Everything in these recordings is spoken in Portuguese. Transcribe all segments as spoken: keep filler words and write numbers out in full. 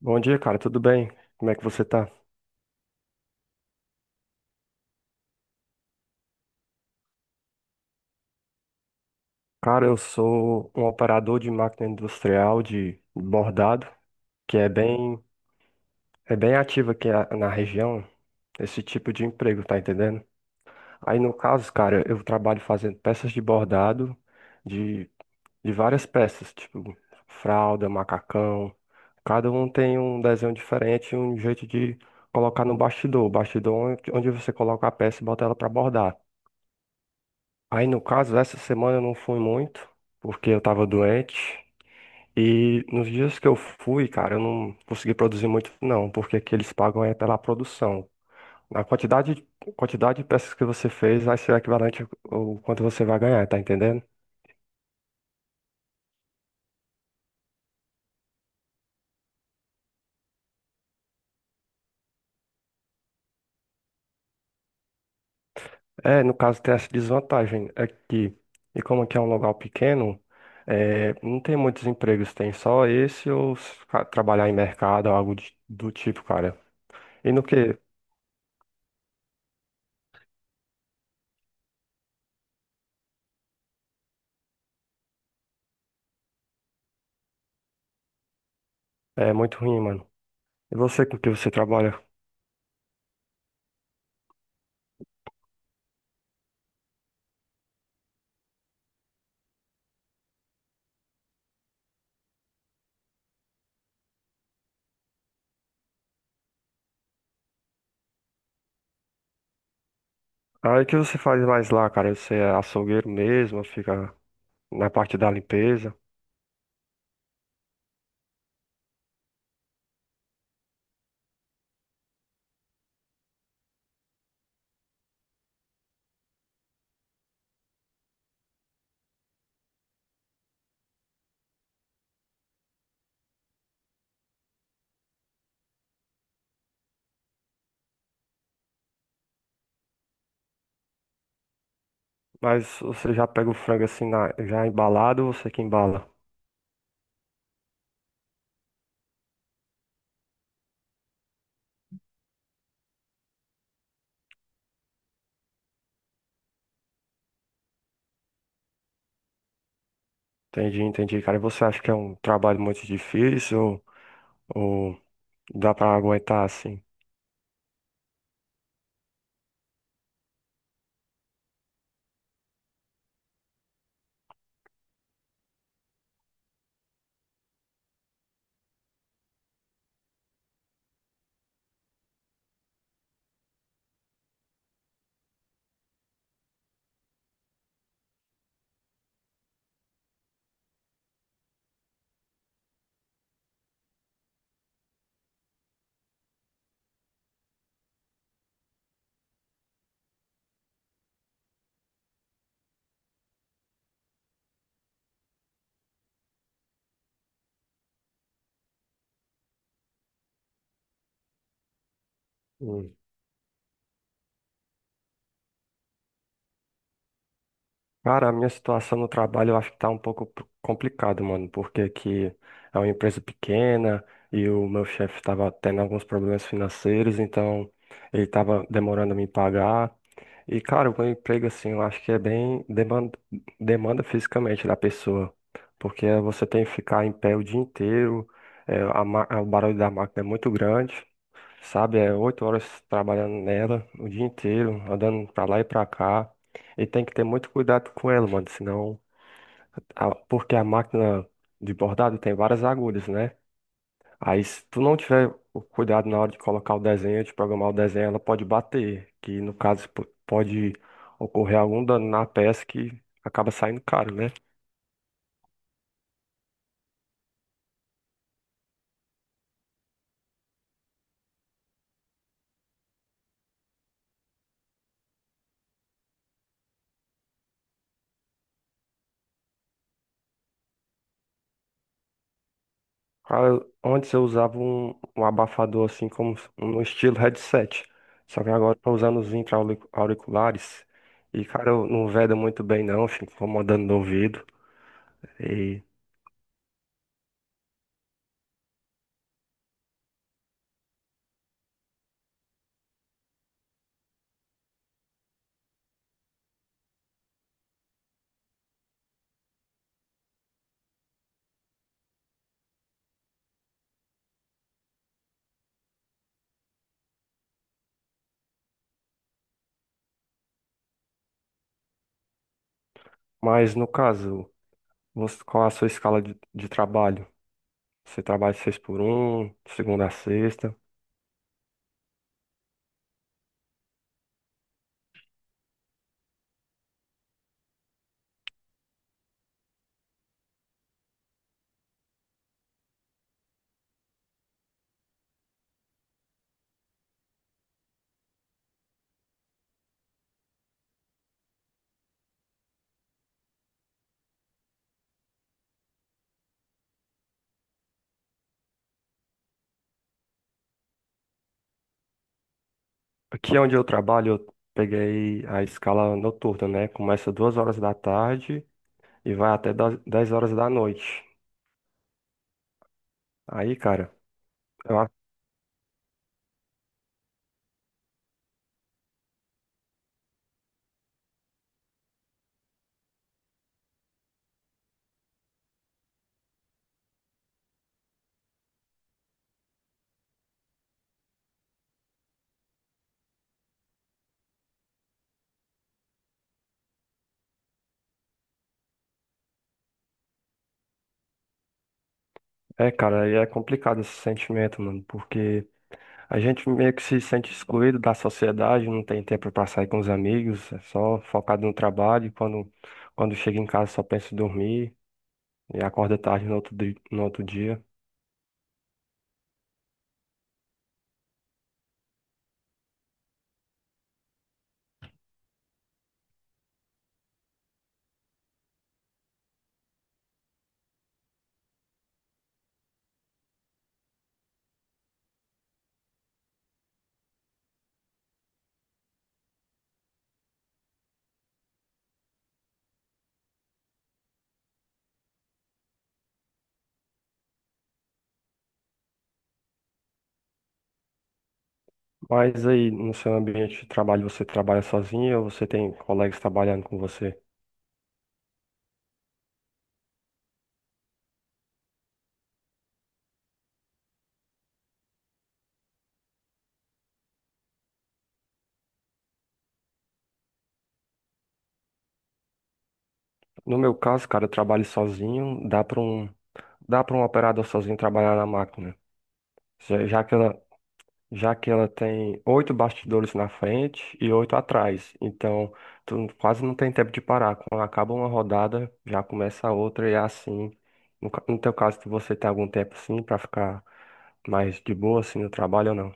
Bom dia, cara, tudo bem? Como é que você tá? Cara, eu sou um operador de máquina industrial de bordado, que é bem, é bem ativo aqui a- na região, esse tipo de emprego, tá entendendo? Aí no caso, cara, eu trabalho fazendo peças de bordado de, de várias peças, tipo fralda, macacão. Cada um tem um desenho diferente, um jeito de colocar no bastidor. O bastidor é onde onde você coloca a peça e bota ela pra bordar. Aí, no caso, essa semana eu não fui muito, porque eu tava doente. E nos dias que eu fui, cara, eu não consegui produzir muito, não, porque aqui eles pagam é pela produção. Na quantidade, quantidade de peças que você fez, vai ser equivalente ao quanto você vai ganhar, tá entendendo? É, no caso, tem essa desvantagem aqui. E como aqui é um local pequeno, é, não tem muitos empregos, tem só esse ou se ca- trabalhar em mercado, algo de- do tipo, cara. E no que? É muito ruim, mano. E você com o que você trabalha? Aí o que você faz mais lá, cara? Você é açougueiro mesmo, fica na parte da limpeza. Mas você já pega o frango assim, na- já embalado, ou você que embala? Entendi, entendi, cara. E você acha que é um trabalho muito difícil ou, ou dá pra aguentar assim? Hum. Cara, a minha situação no trabalho eu acho que tá um pouco p- complicado, mano, porque aqui é uma empresa pequena e o meu chefe tava tendo alguns problemas financeiros, então ele tava demorando a me pagar. E, cara, o meu emprego, assim, eu acho que é bem demanda, demanda fisicamente da pessoa, porque eh, você tem que ficar em pé o dia inteiro, eh, a ma- o barulho da máquina é muito grande, sabe? É oito horas trabalhando nela o dia inteiro, andando pra lá e pra cá, e tem que ter muito cuidado com ela, mano, senão, a- porque a máquina de bordado tem várias agulhas, né? Aí, se tu não tiver o cuidado na hora de colocar o desenho, de programar o desenho, ela pode bater, que no caso po- pode ocorrer algum dano na peça que acaba saindo caro, né? Cara, eu- Antes eu usava um, um abafador assim, como s- no estilo headset. Só que agora eu tô usando os intra-auric- auriculares e, cara, eu não veda muito bem não, fico incomodando no ouvido. E... Mas no caso, você- qual é a sua escala de, de trabalho? Você trabalha seis por um, segunda a sexta? Aqui onde eu trabalho, eu peguei a escala noturna, né? Começa duas horas da tarde e vai até das- dez horas da noite horas da noite. Aí, cara, eu a- é, cara, aí é complicado esse sentimento, mano, porque a gente meio que se sente excluído da sociedade, não tem tempo pra sair com os amigos, é só focado no trabalho. Quando, quando chega em casa, só pensa em dormir e acorda tarde no outro, di- no outro dia. Mas aí, no seu ambiente de trabalho, você trabalha sozinho ou você tem colegas trabalhando com você? No meu caso, cara, eu trabalho sozinho, dá para um, dá para um operador sozinho trabalhar na máquina. Já, já que ela, já que ela tem oito bastidores na frente e oito atrás, então tu n- quase não tem tempo de parar. Quando acaba uma rodada, já começa a outra e é assim. No, ca- no teu caso, tu- você tem algum tempo assim para ficar mais de boa assim no trabalho ou não?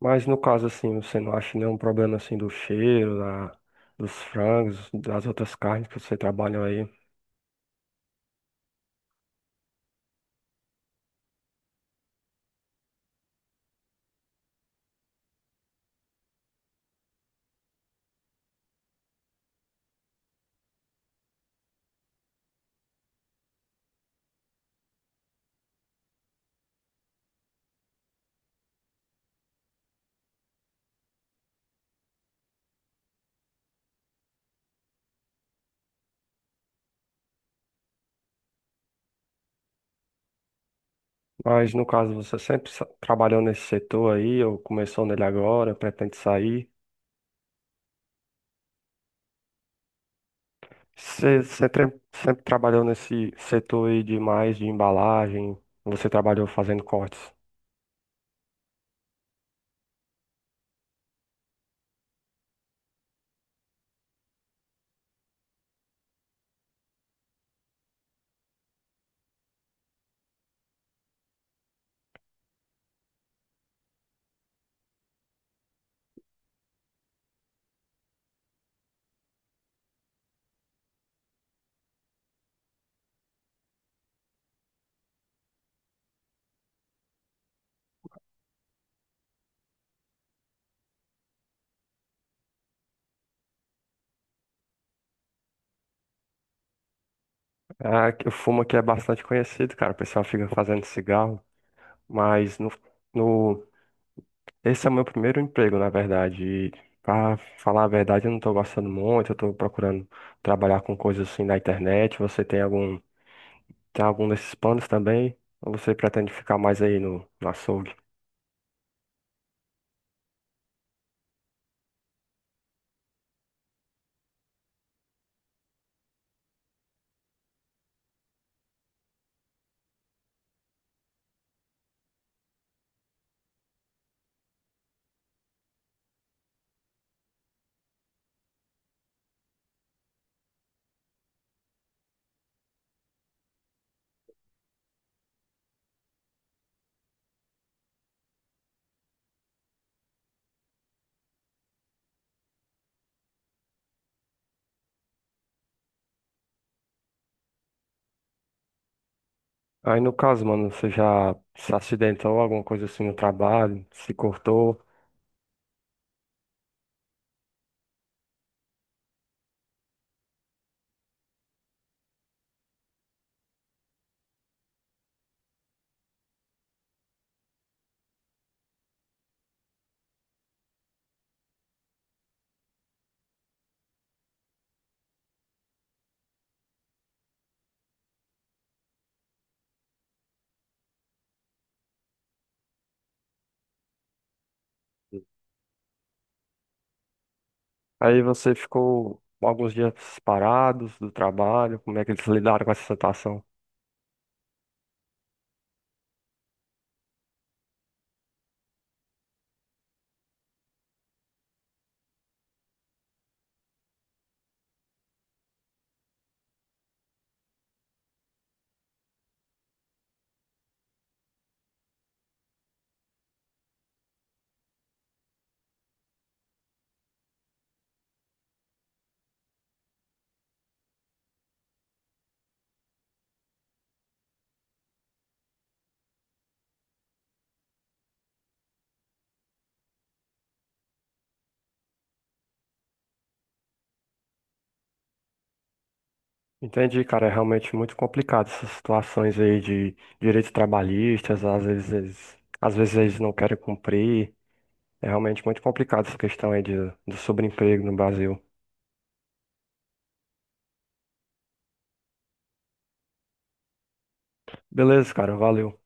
Mas no caso assim, você não acha nenhum problema assim do cheiro, da, dos frangos, das outras carnes que você trabalha aí? Mas no caso, você sempre sa- trabalhou nesse setor aí, ou começou nele agora, pretende sair? Você sempre, sempre trabalhou nesse setor aí de mais de embalagem, você trabalhou fazendo cortes. Ah, que o fumo aqui é bastante conhecido, cara, o pessoal fica fazendo cigarro, mas no, no, esse é o meu primeiro emprego, na verdade, e pra falar a verdade, eu não tô gostando muito, eu tô procurando trabalhar com coisas assim na internet, você tem algum Tem algum desses planos também? Ou você pretende ficar mais aí no, no açougue? Aí no caso, mano, você já se acidentou, alguma coisa assim no trabalho, se cortou. Aí você ficou alguns dias parados do trabalho. Como é que eles lidaram com essa situação? Entendi, cara, é realmente muito complicado essas situações aí de direitos trabalhistas, às vezes, eles- às vezes eles não querem cumprir. É realmente muito complicado essa questão aí de, do sobreemprego no Brasil. Beleza, cara, valeu.